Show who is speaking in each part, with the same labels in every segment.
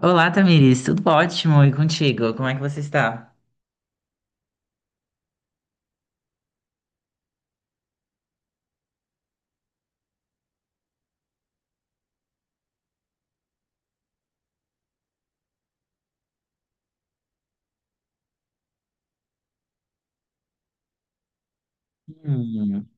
Speaker 1: Olá, Tamiris, tudo ótimo e contigo? Como é que você está? Hum.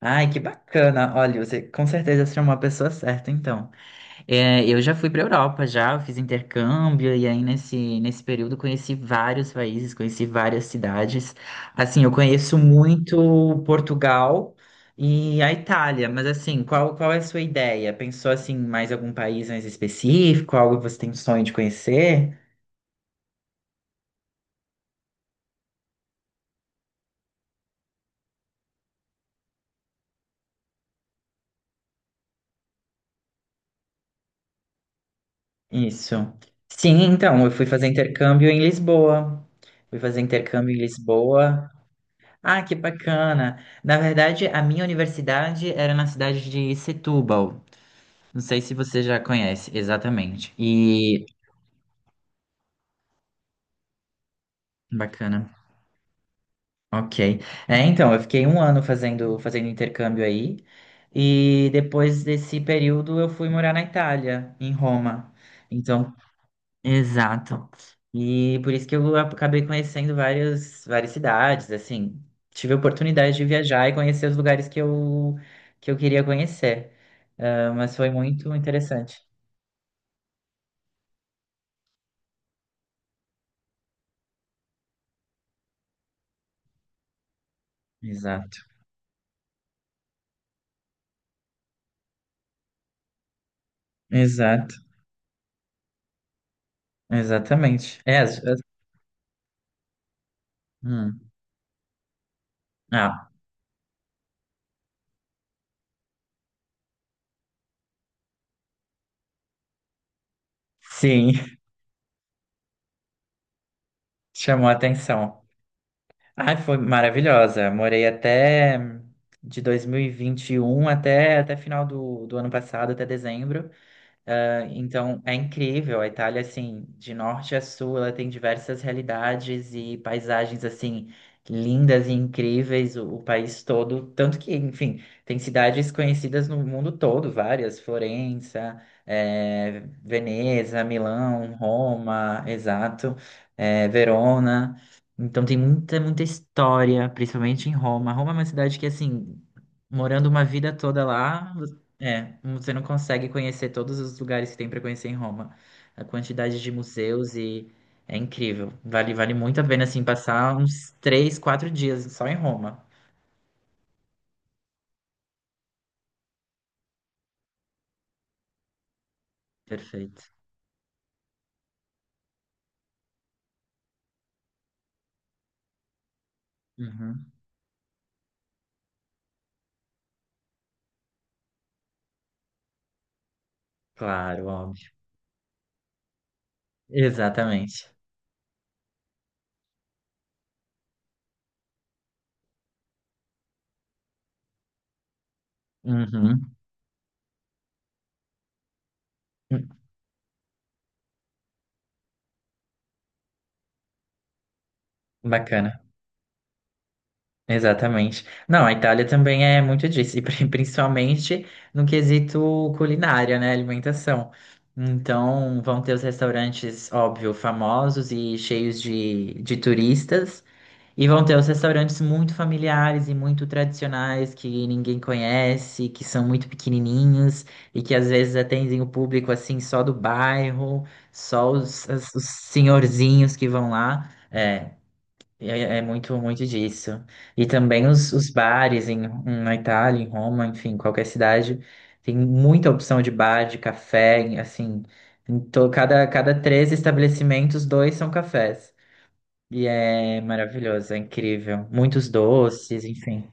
Speaker 1: Ai, que bacana! Olha, você com certeza será uma pessoa certa, então. É, eu já fui para Europa, já eu fiz intercâmbio e aí nesse período conheci vários países, conheci várias cidades. Assim, eu conheço muito Portugal e a Itália, mas assim, qual é a sua ideia? Pensou assim, mais algum país mais específico, algo que você tem sonho de conhecer? Isso. Sim, então, eu fui fazer intercâmbio em Lisboa. Fui fazer intercâmbio em Lisboa. Ah, que bacana! Na verdade, a minha universidade era na cidade de Setúbal. Não sei se você já conhece exatamente. E bacana. Ok. É, então, eu fiquei um ano fazendo intercâmbio aí. E depois desse período, eu fui morar na Itália, em Roma. Então, exato. E por isso que eu acabei conhecendo várias cidades, assim. Tive a oportunidade de viajar e conhecer os lugares que eu queria conhecer. Ah, mas foi muito interessante. Exato. Exato. Exatamente. É, hum. Ah, sim, chamou a atenção. Ah, foi maravilhosa. Morei até de 2021 até final do ano passado, até dezembro. Ah, então é incrível, a Itália, assim, de norte a sul, ela tem diversas realidades e paisagens, assim, lindas e incríveis, o país todo. Tanto que, enfim, tem cidades conhecidas no mundo todo, várias: Florença, Veneza, Milão, Roma, exato, Verona. Então tem muita história, principalmente em Roma. Roma é uma cidade que, assim, morando uma vida toda lá. É, você não consegue conhecer todos os lugares que tem para conhecer em Roma. A quantidade de museus e é incrível. Vale muito a pena assim passar uns três, quatro dias só em Roma. Perfeito. Uhum. Claro, óbvio. Exatamente. Uhum. Bacana. Exatamente. Não, a Itália também é muito disso, e principalmente no quesito culinária, né? Alimentação. Então, vão ter os restaurantes, óbvio, famosos e cheios de turistas. E vão ter os restaurantes muito familiares e muito tradicionais que ninguém conhece, que são muito pequenininhos e que às vezes atendem o público assim só do bairro, só os senhorzinhos que vão lá. É muito, muito disso. E também os bares em, na Itália, em Roma, enfim, qualquer cidade, tem muita opção de bar, de café, assim. Então, cada três estabelecimentos, dois são cafés. E é maravilhoso, é incrível. Muitos doces, enfim.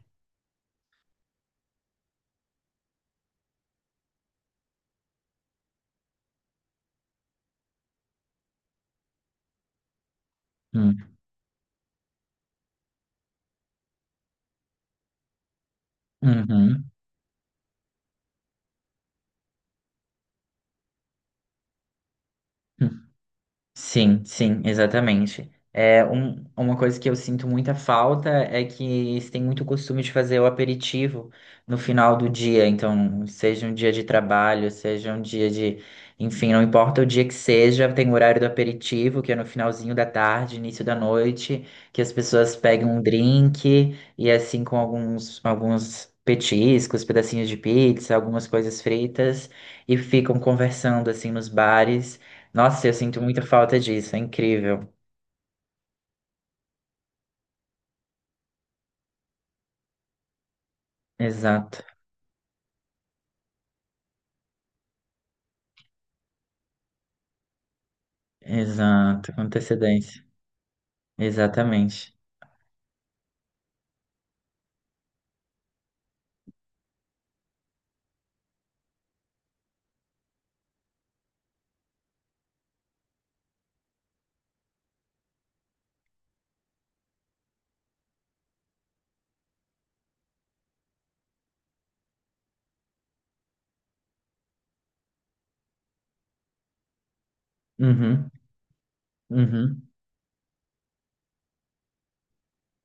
Speaker 1: Hum, uhum. Hum. Sim, sim, exatamente. É um, uma coisa que eu sinto muita falta é que eles têm muito costume de fazer o aperitivo no final do dia. Então, seja um dia de trabalho, seja um dia de, enfim, não importa o dia que seja, tem o horário do aperitivo, que é no finalzinho da tarde, início da noite, que as pessoas pegam um drink e assim com alguns petiscos, pedacinhos de pizza, algumas coisas fritas e ficam conversando assim nos bares. Nossa, eu sinto muita falta disso, é incrível. Exato, exato, com antecedência. Exatamente. Uhum, uhum,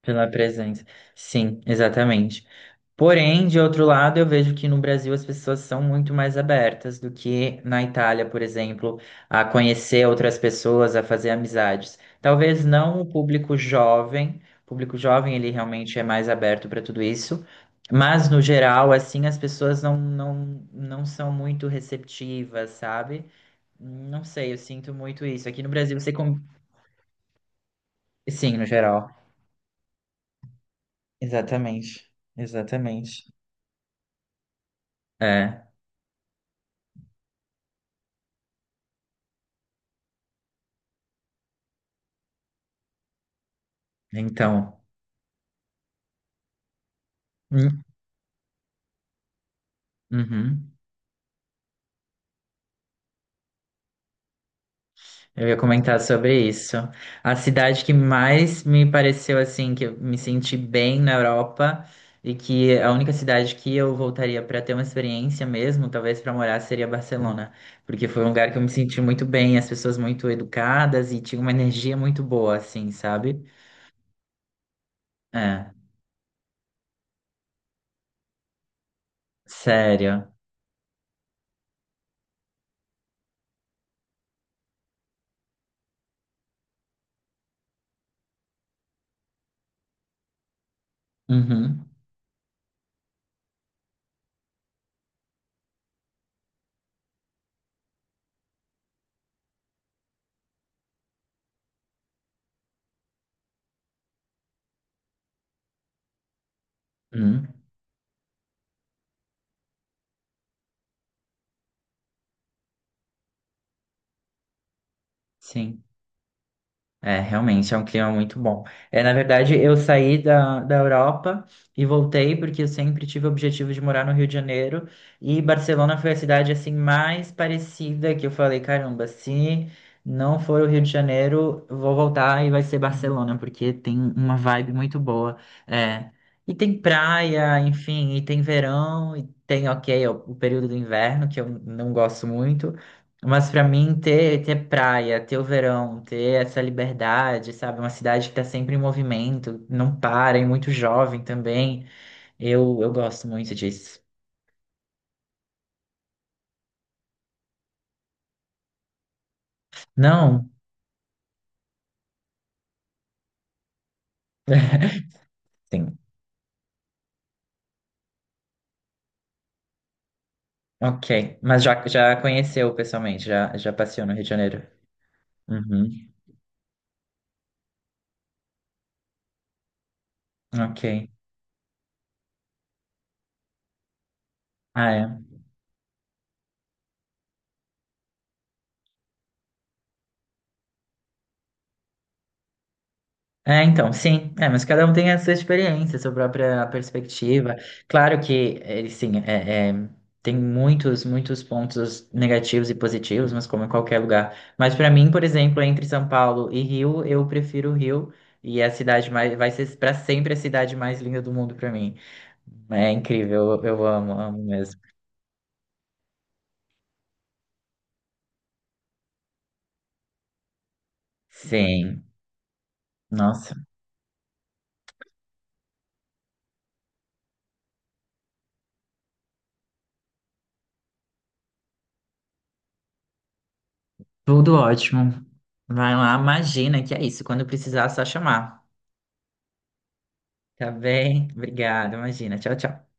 Speaker 1: pela presença. Sim, exatamente. Porém, de outro lado, eu vejo que no Brasil as pessoas são muito mais abertas do que na Itália, por exemplo, a conhecer outras pessoas, a fazer amizades. Talvez não o público jovem, o público jovem ele realmente é mais aberto para tudo isso, mas no geral, assim, as pessoas não são muito receptivas, sabe? Não sei, eu sinto muito isso. Aqui no Brasil você... Sim, no geral. Exatamente, exatamente. É, então... hum, uhum. Eu ia comentar sobre isso. A cidade que mais me pareceu assim, que eu me senti bem na Europa e que a única cidade que eu voltaria para ter uma experiência mesmo, talvez para morar, seria Barcelona, porque foi um lugar que eu me senti muito bem, as pessoas muito educadas e tinha uma energia muito boa, assim, sabe? É, sério. Uhum. Uhum. Sim. É, realmente é um clima muito bom. É, na verdade, eu saí da Europa e voltei porque eu sempre tive o objetivo de morar no Rio de Janeiro e Barcelona foi a cidade assim mais parecida que eu falei, caramba, se não for o Rio de Janeiro, eu vou voltar e vai ser Barcelona porque tem uma vibe muito boa. É, e tem praia, enfim, e tem verão e tem, ok, o período do inverno que eu não gosto muito. Mas pra mim ter praia, ter o verão, ter essa liberdade, sabe? Uma cidade que tá sempre em movimento, não para, e muito jovem também. Eu gosto muito disso. Não? Sim. Ok. Mas já conheceu pessoalmente, já passeou no Rio de Janeiro. Uhum. Ok. Ah, é. É, então, sim. É, mas cada um tem a sua experiência, a sua própria perspectiva. Claro que, sim, tem muitos pontos negativos e positivos, mas como em qualquer lugar. Mas para mim, por exemplo, entre São Paulo e Rio, eu prefiro o Rio e é a cidade mais, vai ser para sempre a cidade mais linda do mundo para mim. É incrível, eu amo, amo mesmo. Sim, nossa, tudo ótimo. Vai lá, imagina que é isso. Quando precisar, é só chamar. Tá bem? Obrigado, imagina. Tchau, tchau.